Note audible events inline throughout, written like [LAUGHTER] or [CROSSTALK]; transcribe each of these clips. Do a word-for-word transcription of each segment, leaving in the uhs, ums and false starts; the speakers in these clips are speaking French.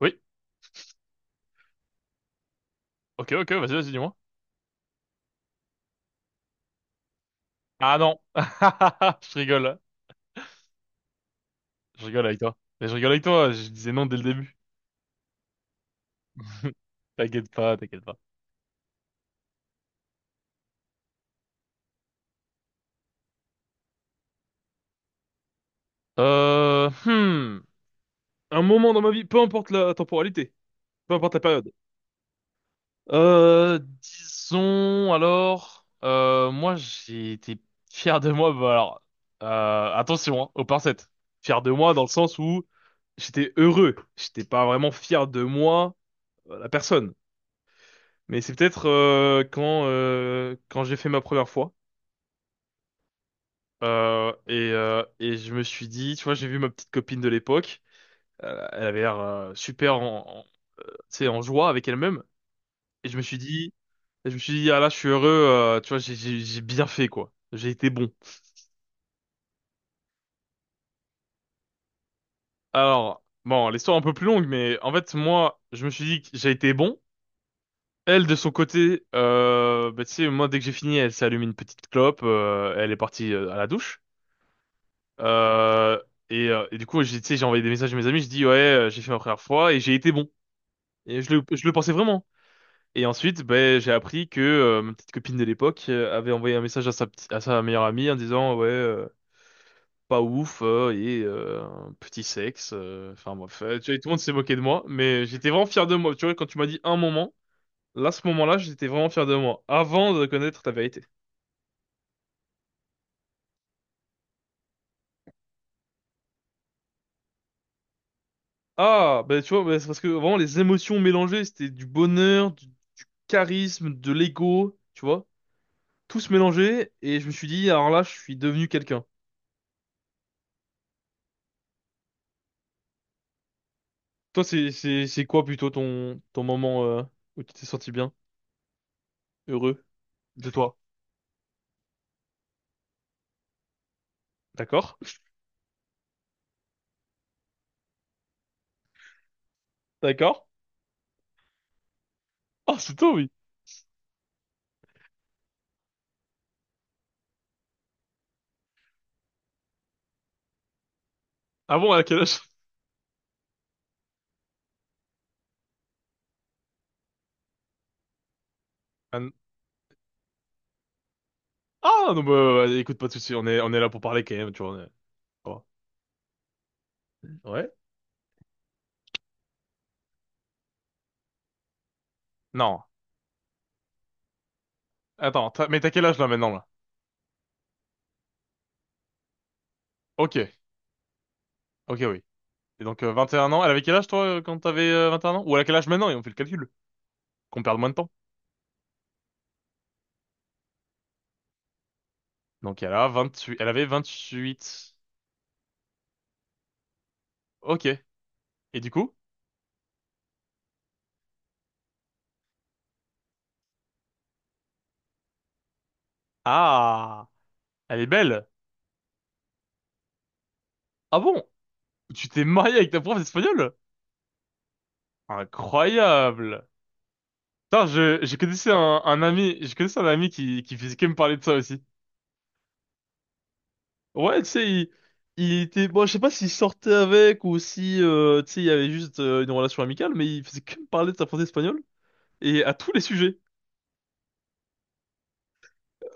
Oui. Ok, ok, vas-y, vas-y, dis-moi. Ah non. [LAUGHS] Je rigole. Je rigole avec toi. Mais je rigole avec toi, je disais non dès le début. [LAUGHS] T'inquiète pas, t'inquiète pas. Euh, hmm. Un moment dans ma vie, peu importe la temporalité, peu importe la période. Euh, disons alors, euh, moi j'ai été fier de moi, bah alors, euh, attention, hein, aux pincettes. Fier de moi dans le sens où j'étais heureux, j'étais pas vraiment fier de moi, euh, la personne. Mais c'est peut-être euh, quand euh, quand j'ai fait ma première fois euh, et euh, et je me suis dit, tu vois, j'ai vu ma petite copine de l'époque, euh, elle avait l'air euh, super en, en- euh, tu sais, en joie avec elle-même et je me suis dit, et je me suis dit ah là, je suis heureux, euh, tu vois, j'ai j'ai j'ai bien fait quoi, j'ai été bon. Alors bon, l'histoire est un peu plus longue, mais en fait moi, je me suis dit que j'ai été bon. Elle de son côté, euh, bah, tu sais, moi dès que j'ai fini, elle s'est allumée une petite clope, euh, elle est partie euh, à la douche. Euh, et, euh, et du coup, j'ai, tu sais, j'ai envoyé des messages à mes amis, je dis ouais, euh, j'ai fait ma première fois et j'ai été bon. Et je le, je le pensais vraiment. Et ensuite, ben, j'ai appris que euh, ma petite copine de l'époque euh, avait envoyé un message à sa, p'ti- à sa meilleure amie en disant ouais, euh, pas ouf euh, et euh, un petit sexe. euh, Enfin bref, euh, tu vois, tout le monde s'est moqué de moi, mais j'étais vraiment fier de moi. Tu vois, quand tu m'as dit un moment, là, ce moment-là, j'étais vraiment fier de moi avant de connaître ta vérité. Ah, bah tu vois, bah, c'est parce que vraiment les émotions mélangées, c'était du bonheur, du, du charisme, de l'ego, tu vois, tout se mélangeait et je me suis dit, alors là, je suis devenu quelqu'un. Toi, c'est c'est c'est quoi plutôt ton ton moment euh, où tu t'es senti bien, heureux de toi? D'accord? D'accord? Ah, c'est toi, oui. Ah bon, à quel âge? Ah n- ah, non, bah, ouais, écoute, pas de soucis, on est on est là pour parler quand même, tu vois. on est- oh. Ouais? Non. Attends, t'as- mais t'as quel âge là maintenant là? Ok, ok, oui. Et donc, euh, vingt et un ans. Elle avait quel âge, toi, euh, quand t'avais euh, vingt et un ans? Ou elle a quel âge maintenant? Et on fait le calcul. Qu'on perde moins de temps. Donc, elle a vingt-huit... Elle avait vingt-huit. Ok. Et du coup? Ah! Elle est belle! Ah bon? Tu t'es marié avec ta prof d'espagnol? Incroyable! Putain, je, je connaissais un, un ami, je connaissais un ami qui, qui faisait que me parler de ça aussi. Ouais, tu sais, il, il était, bon, je sais pas s'il sortait avec ou si, euh, tu sais, il y avait juste euh, une relation amicale, mais il faisait que me parler de sa prof d'espagnol et à tous les sujets.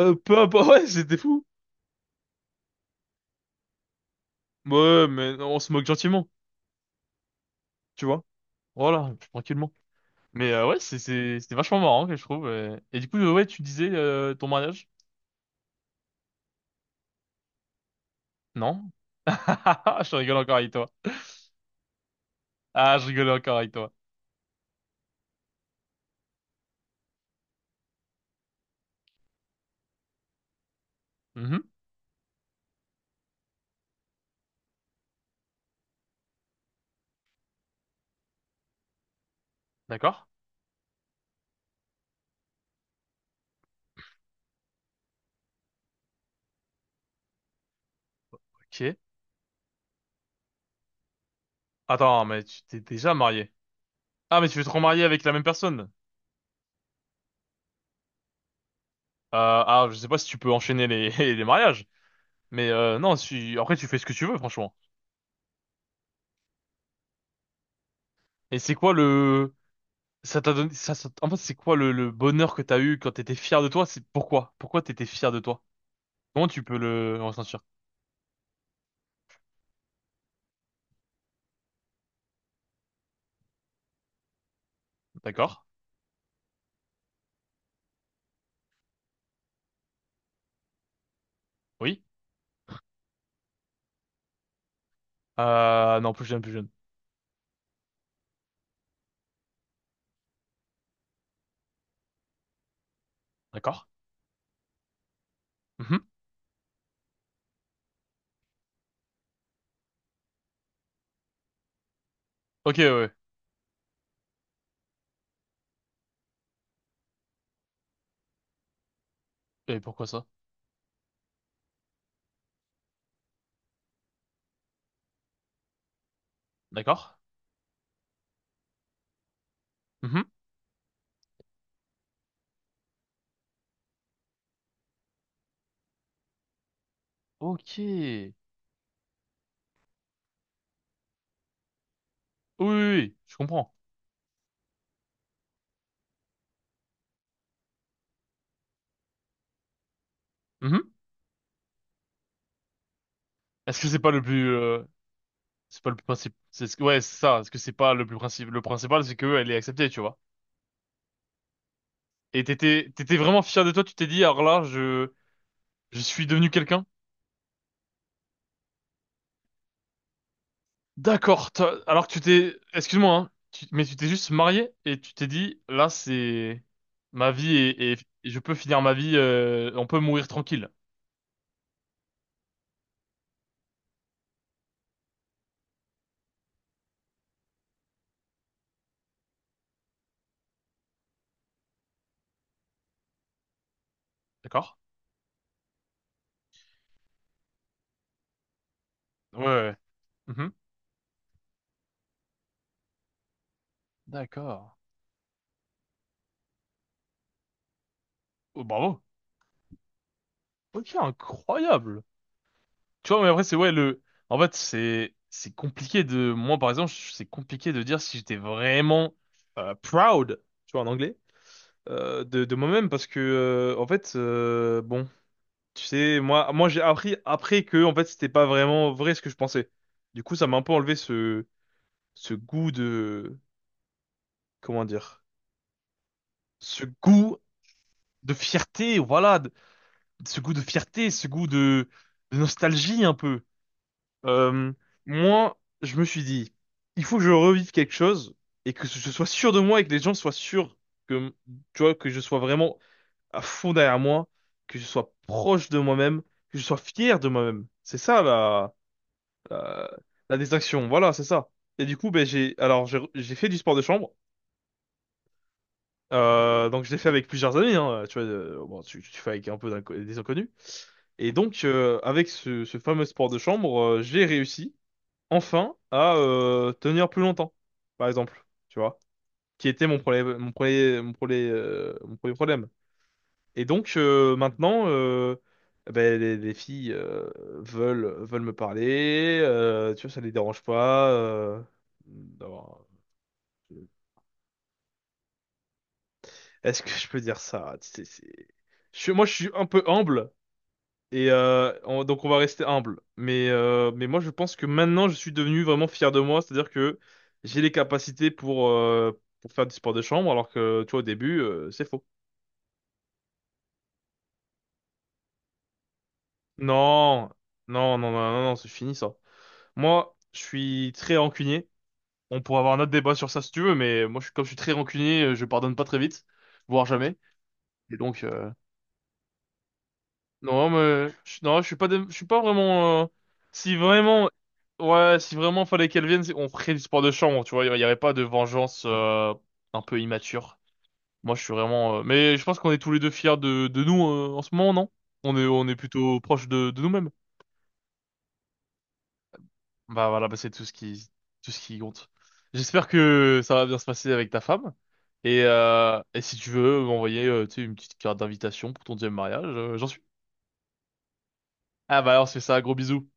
Euh, peu importe, [LAUGHS] ouais, c'était fou. Ouais, mais on se moque gentiment, tu vois. Voilà, tranquillement. Mais euh, ouais, c'est c'est c'était vachement marrant que je trouve. euh. Et du coup, euh, ouais, tu disais euh, ton mariage? Non? [LAUGHS] Je rigole encore avec toi. Ah, je rigole encore avec toi. Mhm. D'accord. Ok. Attends, mais tu t'es déjà marié. Ah, mais tu veux te remarier avec la même personne. Euh, ah, je sais pas si tu peux enchaîner les [LAUGHS] les mariages. Mais euh, non, si... après tu fais ce que tu veux, franchement. Et c'est quoi le Ça t'a donné, ça, ça- en fait, c'est quoi le, le bonheur que t'as eu quand t'étais fier de toi? C'est pourquoi? Pourquoi t'étais fier de toi? Comment tu peux le ressentir? D'accord? Oui? Euh, non, plus jeune, plus jeune. D'accord? Mhm. Ok, ouais. Ouais. Et pourquoi ça? D'accord? Mhm. Ok. Oui, oui, oui, oui. Je comprends. Mhm. Est-ce que c'est pas le plus, euh, c'est pas le plus principe, C'est ce que- ouais, c'est ça. Est-ce que c'est pas le plus principal? Le principal, c'est que elle est acceptée, tu vois. Et t'étais, t'étais vraiment fier de toi. Tu t'es dit, alors là, je, je suis devenu quelqu'un. D'accord. t'as- Alors que tu t'es, excuse-moi, hein, tu- mais tu t'es juste marié et tu t'es dit, là, c'est ma vie et, et- et je peux finir ma vie, euh, on peut mourir tranquille. D'accord? Ouais, ouais. Mhm. D'accord. Oh, bravo. Ok, incroyable. Tu vois, mais après, c'est ouais, le, en fait, c'est, c'est compliqué de, moi, par exemple, je- c'est compliqué de dire si j'étais vraiment euh, proud, tu vois, en anglais, euh, de, de moi-même parce que, euh, en fait, euh, bon. Tu sais, moi, moi j'ai appris après que en fait c'était pas vraiment vrai ce que je pensais. Du coup, ça m'a un peu enlevé ce ce goût de comment dire, ce goût de fierté, voilà, de- ce goût de fierté, ce goût de, de nostalgie un peu. Euh, moi, je me suis dit, il faut que je revive quelque chose et que je sois sûr de moi et que les gens soient sûrs que tu vois que je sois vraiment à fond derrière moi, que je sois proche de moi-même, que je sois fier de moi-même. C'est ça là euh, la distraction, voilà, c'est ça. Et du coup, ben, j'ai, alors, j'ai j'ai fait du sport de chambre. Euh, donc, je l'ai fait avec plusieurs amis, hein, tu vois, euh, bon, tu, tu fais avec un peu d'inco- des inconnus. Et donc, euh, avec ce, ce fameux sport de chambre, euh, j'ai réussi, enfin, à euh, tenir plus longtemps, par exemple, tu vois, qui était mon problème, mon premier, mon premier, euh, mon premier problème. Et donc euh, maintenant, euh, ben, les, les filles euh, veulent veulent me parler. euh, tu vois, ça les dérange pas. euh, d'avoir- Est-ce que je peux dire ça? C'est- c'est- Je, suis- moi, je suis un peu humble et euh, on- donc on va rester humble. Mais euh, mais moi, je pense que maintenant, je suis devenu vraiment fier de moi. C'est-à-dire que j'ai les capacités pour euh, pour faire du sport de chambre, alors que tu vois, au début, euh, c'est faux. Non, non, non, non, non, non, c'est fini ça. Moi, je suis très rancunier. On pourrait avoir un autre débat sur ça si tu veux, mais moi, je, suis- comme je suis très rancunier, euh, je pardonne pas très vite, voire jamais. Et donc, euh, non, mais je, non, je suis pas, dé- je suis pas vraiment. euh, si vraiment, ouais, si vraiment fallait qu'elle vienne, c'est- on ferait du sport de chambre, tu vois. Il y aurait pas de vengeance euh, un peu immature. Moi, je suis vraiment. euh, mais je pense qu'on est tous les deux fiers de, de nous euh, en ce moment, non? On est, on est plutôt proche de, de nous-mêmes. Bah voilà, bah c'est tout ce qui, tout ce qui compte. J'espère que ça va bien se passer avec ta femme. Et, euh, et si tu veux m'envoyer euh, tu sais, une petite carte d'invitation pour ton deuxième mariage, euh, j'en suis. Ah bah alors c'est ça, gros bisous.